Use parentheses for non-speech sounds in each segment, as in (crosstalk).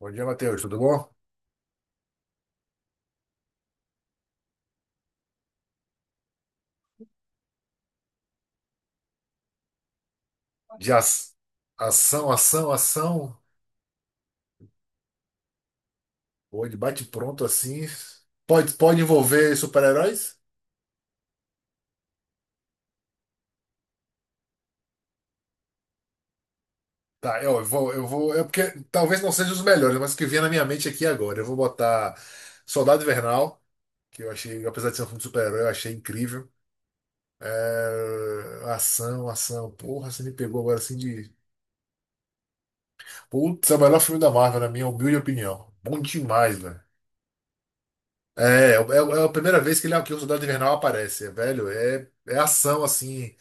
Bom dia, Matheus. Tudo bom? De ação, ação, ação. Ou de bate-pronto assim. Pode envolver super-heróis? Tá, eu vou. É porque talvez não sejam os melhores, mas o que vier na minha mente aqui agora. Eu vou botar Soldado Invernal, que eu achei, apesar de ser um filme de super-herói, eu achei incrível. É, ação, ação. Porra, você me pegou agora assim de. Putz, é o melhor filme da Marvel, na minha humilde opinião. Bom demais, velho. É a primeira vez que o Soldado Invernal aparece, é, velho. É ação assim.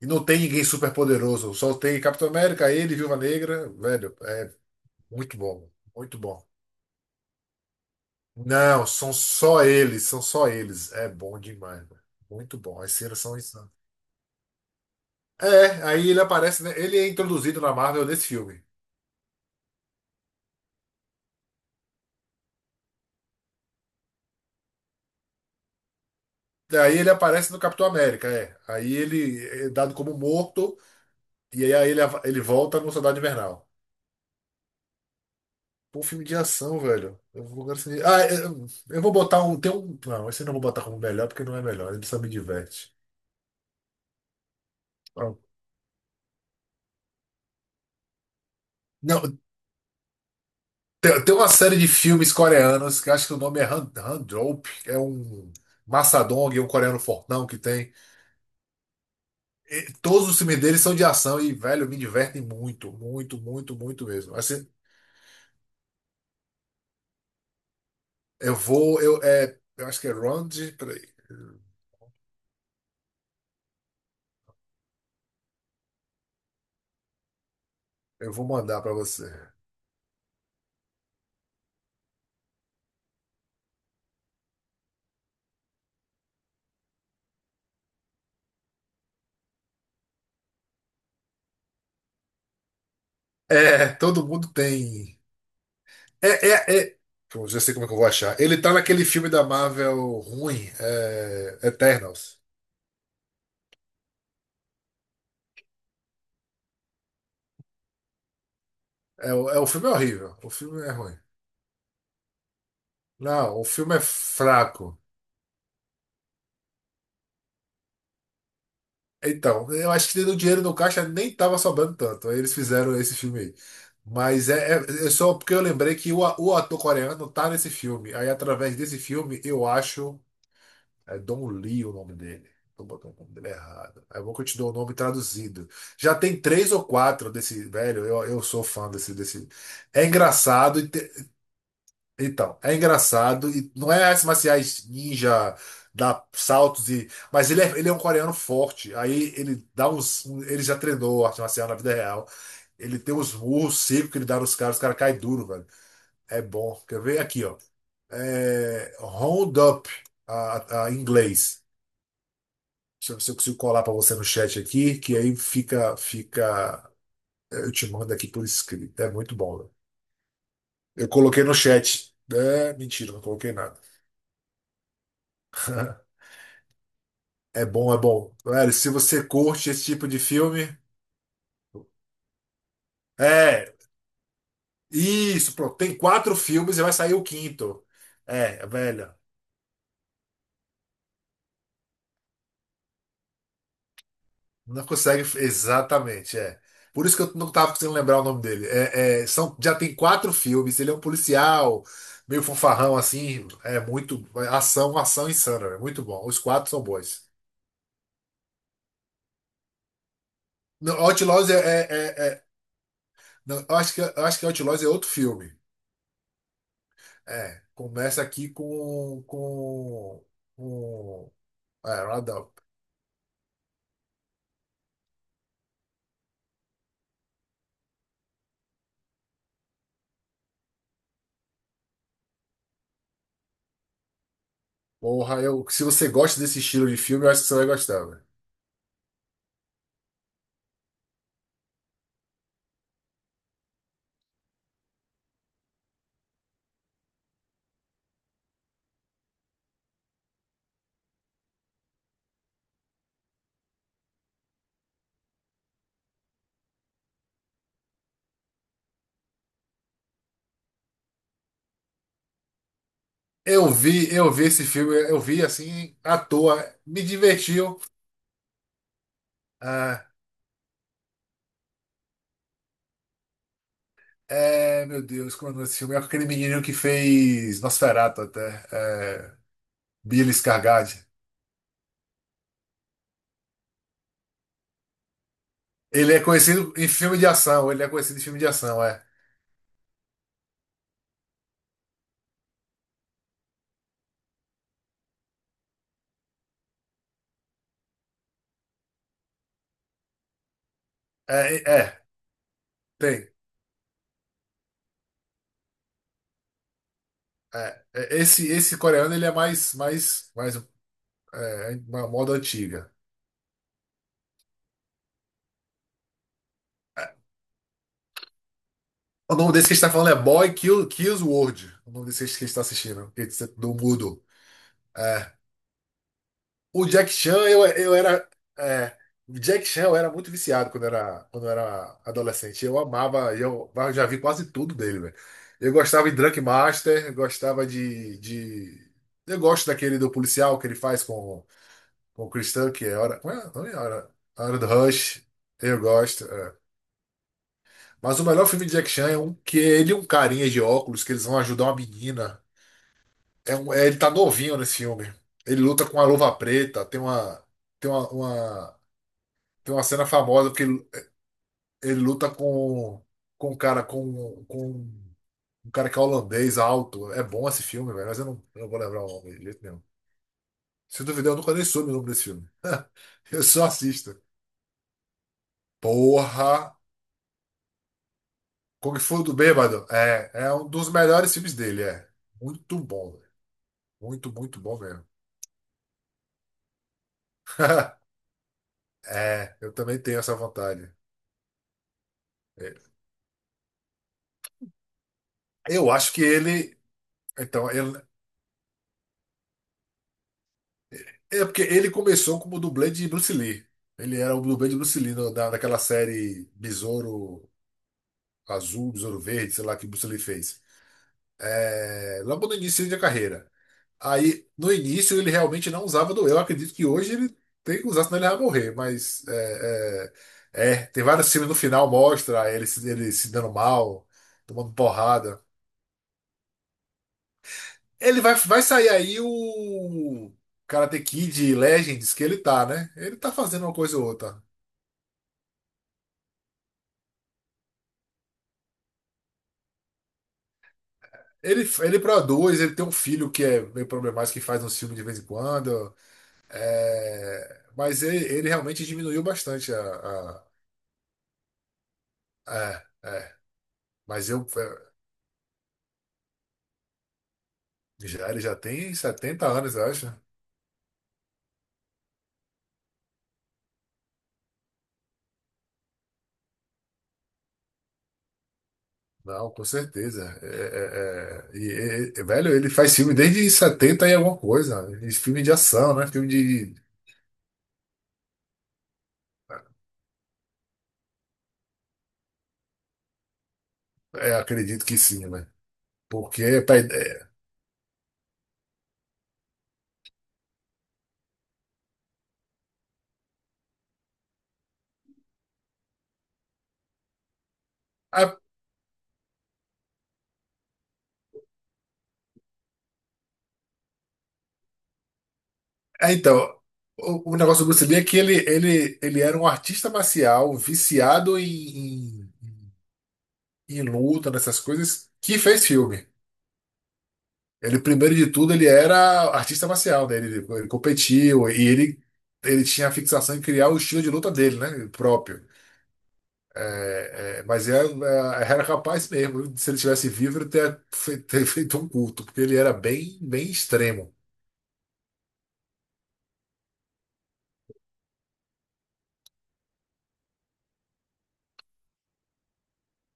E não tem ninguém super poderoso. Só tem Capitão América, ele, Viúva Negra, velho. É muito bom, muito bom. Não, são só eles, são só eles. É bom demais, velho. Muito bom. As cenas são insanas. É, aí ele aparece, né? Ele é introduzido na Marvel nesse filme. Daí ele aparece no Capitão América, é. Aí ele é dado como morto, e aí ele volta no Soldado Invernal. Pô, filme de ação, velho. Eu vou agora assim. Ah, é, eu vou botar um. Tem um. Não, esse eu não vou botar como melhor, porque não é melhor. Ele só me diverte. Ah, não, tem uma série de filmes coreanos que eu acho que o nome é Han, Han Drop. É um Massadong, é um coreano fortão que tem. E todos os filmes deles são de ação e, velho, me divertem muito, muito, muito, muito mesmo. Assim, eu vou. Eu acho que é Round. Peraí. Eu vou mandar pra você. É, todo mundo tem. É, é, é. Pô, já sei como é que eu vou achar. Ele tá naquele filme da Marvel ruim, Eternals. O filme é horrível. O filme é ruim. Não, o filme é fraco. Então, eu acho que o dinheiro no caixa nem tava sobrando tanto. Aí eles fizeram esse filme aí. Mas é só porque eu lembrei que o ator coreano tá nesse filme. Aí, através desse filme, eu acho. Don Lee é o nome dele. Tô botando o nome dele errado. É bom que eu te dou o nome traduzido. Já tem três ou quatro desse, velho. Eu sou fã desse. É engraçado. Então, é engraçado. E não é artes marciais ninja, dá saltos e. Mas ele é um coreano forte. Aí ele dá uns. Ele já treinou arte marcial na vida real. Ele tem uns murros secos que ele dá nos caras, os caras caem duro, velho. É bom. Quer ver? Aqui, ó. É, Round Up, em inglês. Deixa eu ver se eu consigo colar para você no chat aqui, que aí fica, fica. Eu te mando aqui por escrito. É muito bom, né? Eu coloquei no chat. É, mentira, não coloquei nada. É bom, é bom. Velho, se você curte esse tipo de filme. É, isso, pronto. Tem quatro filmes e vai sair o quinto. É, velho. Não consegue, exatamente, é. Por isso que eu não tava conseguindo lembrar o nome dele. Já tem quatro filmes, ele é um policial, meio fanfarrão assim, é muito, ação, ação insana, é muito bom. Os quatro são bons. Não, Outlaws não, eu acho que Outlaws é outro filme. É, começa aqui com, Round Up. Porra, se você gosta desse estilo de filme, eu acho que você vai gostar, velho. Eu vi esse filme, eu vi assim, à toa, me divertiu. Ah, meu Deus, como é o nome desse filme? É com aquele menininho que fez Nosferatu até, Billy Skarsgård. Ele é conhecido em filme de ação, ele é conhecido em filme de ação, é. É, é, tem. Esse coreano, ele é mais, uma moda antiga. É. O nome desse que a gente tá falando é Boy Kill, Kills World. O nome desse que a gente tá assistindo, que é do mudo. É, o Jack Chan, eu era. É, o Jack Chan eu era muito viciado quando eu era adolescente. Eu amava, eu já vi quase tudo dele, velho. Eu gostava de Drunk Master, eu gostava de. Eu gosto daquele do policial que ele faz com o Chris Tucker, que é hora. Como é? Não é hora. A hora do Rush. Eu gosto. Mas o melhor filme de Jack Chan é um que ele e um carinha de óculos que eles vão ajudar uma menina. Ele tá novinho nesse filme. Ele luta com a luva preta, tem uma. Tem uma, uma- Tem uma cena famosa que ele luta com um cara com um cara que é holandês alto. É bom esse filme, velho, mas eu não vou lembrar o nome de jeito nenhum. Se duvidar, eu nunca nem soube o nome desse filme. (laughs) Eu só assisto. Porra! Kung Fu do Bêbado. É um dos melhores filmes dele, é. Muito bom, velho. Muito, muito bom mesmo. (laughs) É, eu também tenho essa vontade. É. Eu acho que ele. Então, ele, é porque ele começou como dublê de Bruce Lee. Ele era o dublê de Bruce Lee daquela série Besouro Azul, Besouro Verde, sei lá que Bruce Lee fez. É, logo no início da carreira. Aí, no início, ele realmente não usava do eu. Acredito que hoje ele tem que usar, senão ele vai morrer. Mas tem vários filmes no final mostra ele, ele se dando mal, tomando porrada. Ele vai sair aí o Karate Kid Legends que ele tá, né? Ele tá fazendo uma coisa ou outra. Ele produz, ele tem um filho que é meio problemático, que faz um filme de vez em quando. É, mas ele realmente diminuiu bastante a. é, é. Mas ele já tem 70 anos, eu acho. Não, com certeza. É, é, é. E, velho, ele faz filme desde 70 e alguma coisa. E filme de ação, né? Filme de. Acredito que sim, né? Porque. Então, o negócio do Bruce Lee é que ele era um artista marcial viciado em luta, nessas coisas, que fez filme. Ele, primeiro de tudo, ele era artista marcial, né? Ele competiu e ele tinha a fixação em criar o estilo de luta dele, né? Próprio. Mas era capaz mesmo, se ele tivesse vivo, ele ter feito um culto, porque ele era bem, bem extremo.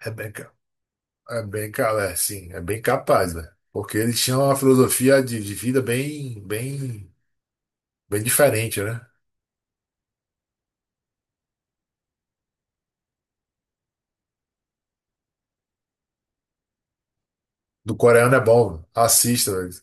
É bem É bem, ca- é, sim, é bem capaz, né? Porque eles tinham uma filosofia de vida bem, bem, bem diferente, né? Do coreano é bom, assista, velho.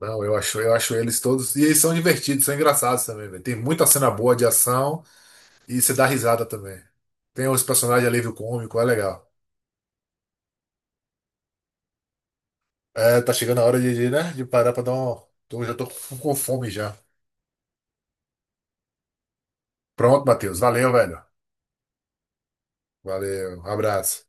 Não, eu acho eles todos. E eles são divertidos, são engraçados também, velho. Tem muita cena boa de ação e você dá risada também. Tem os personagens alívio cômico, é legal. É, tá chegando a hora de parar pra dar um. Eu já tô com fome já. Pronto, Matheus. Valeu, velho. Valeu, um abraço.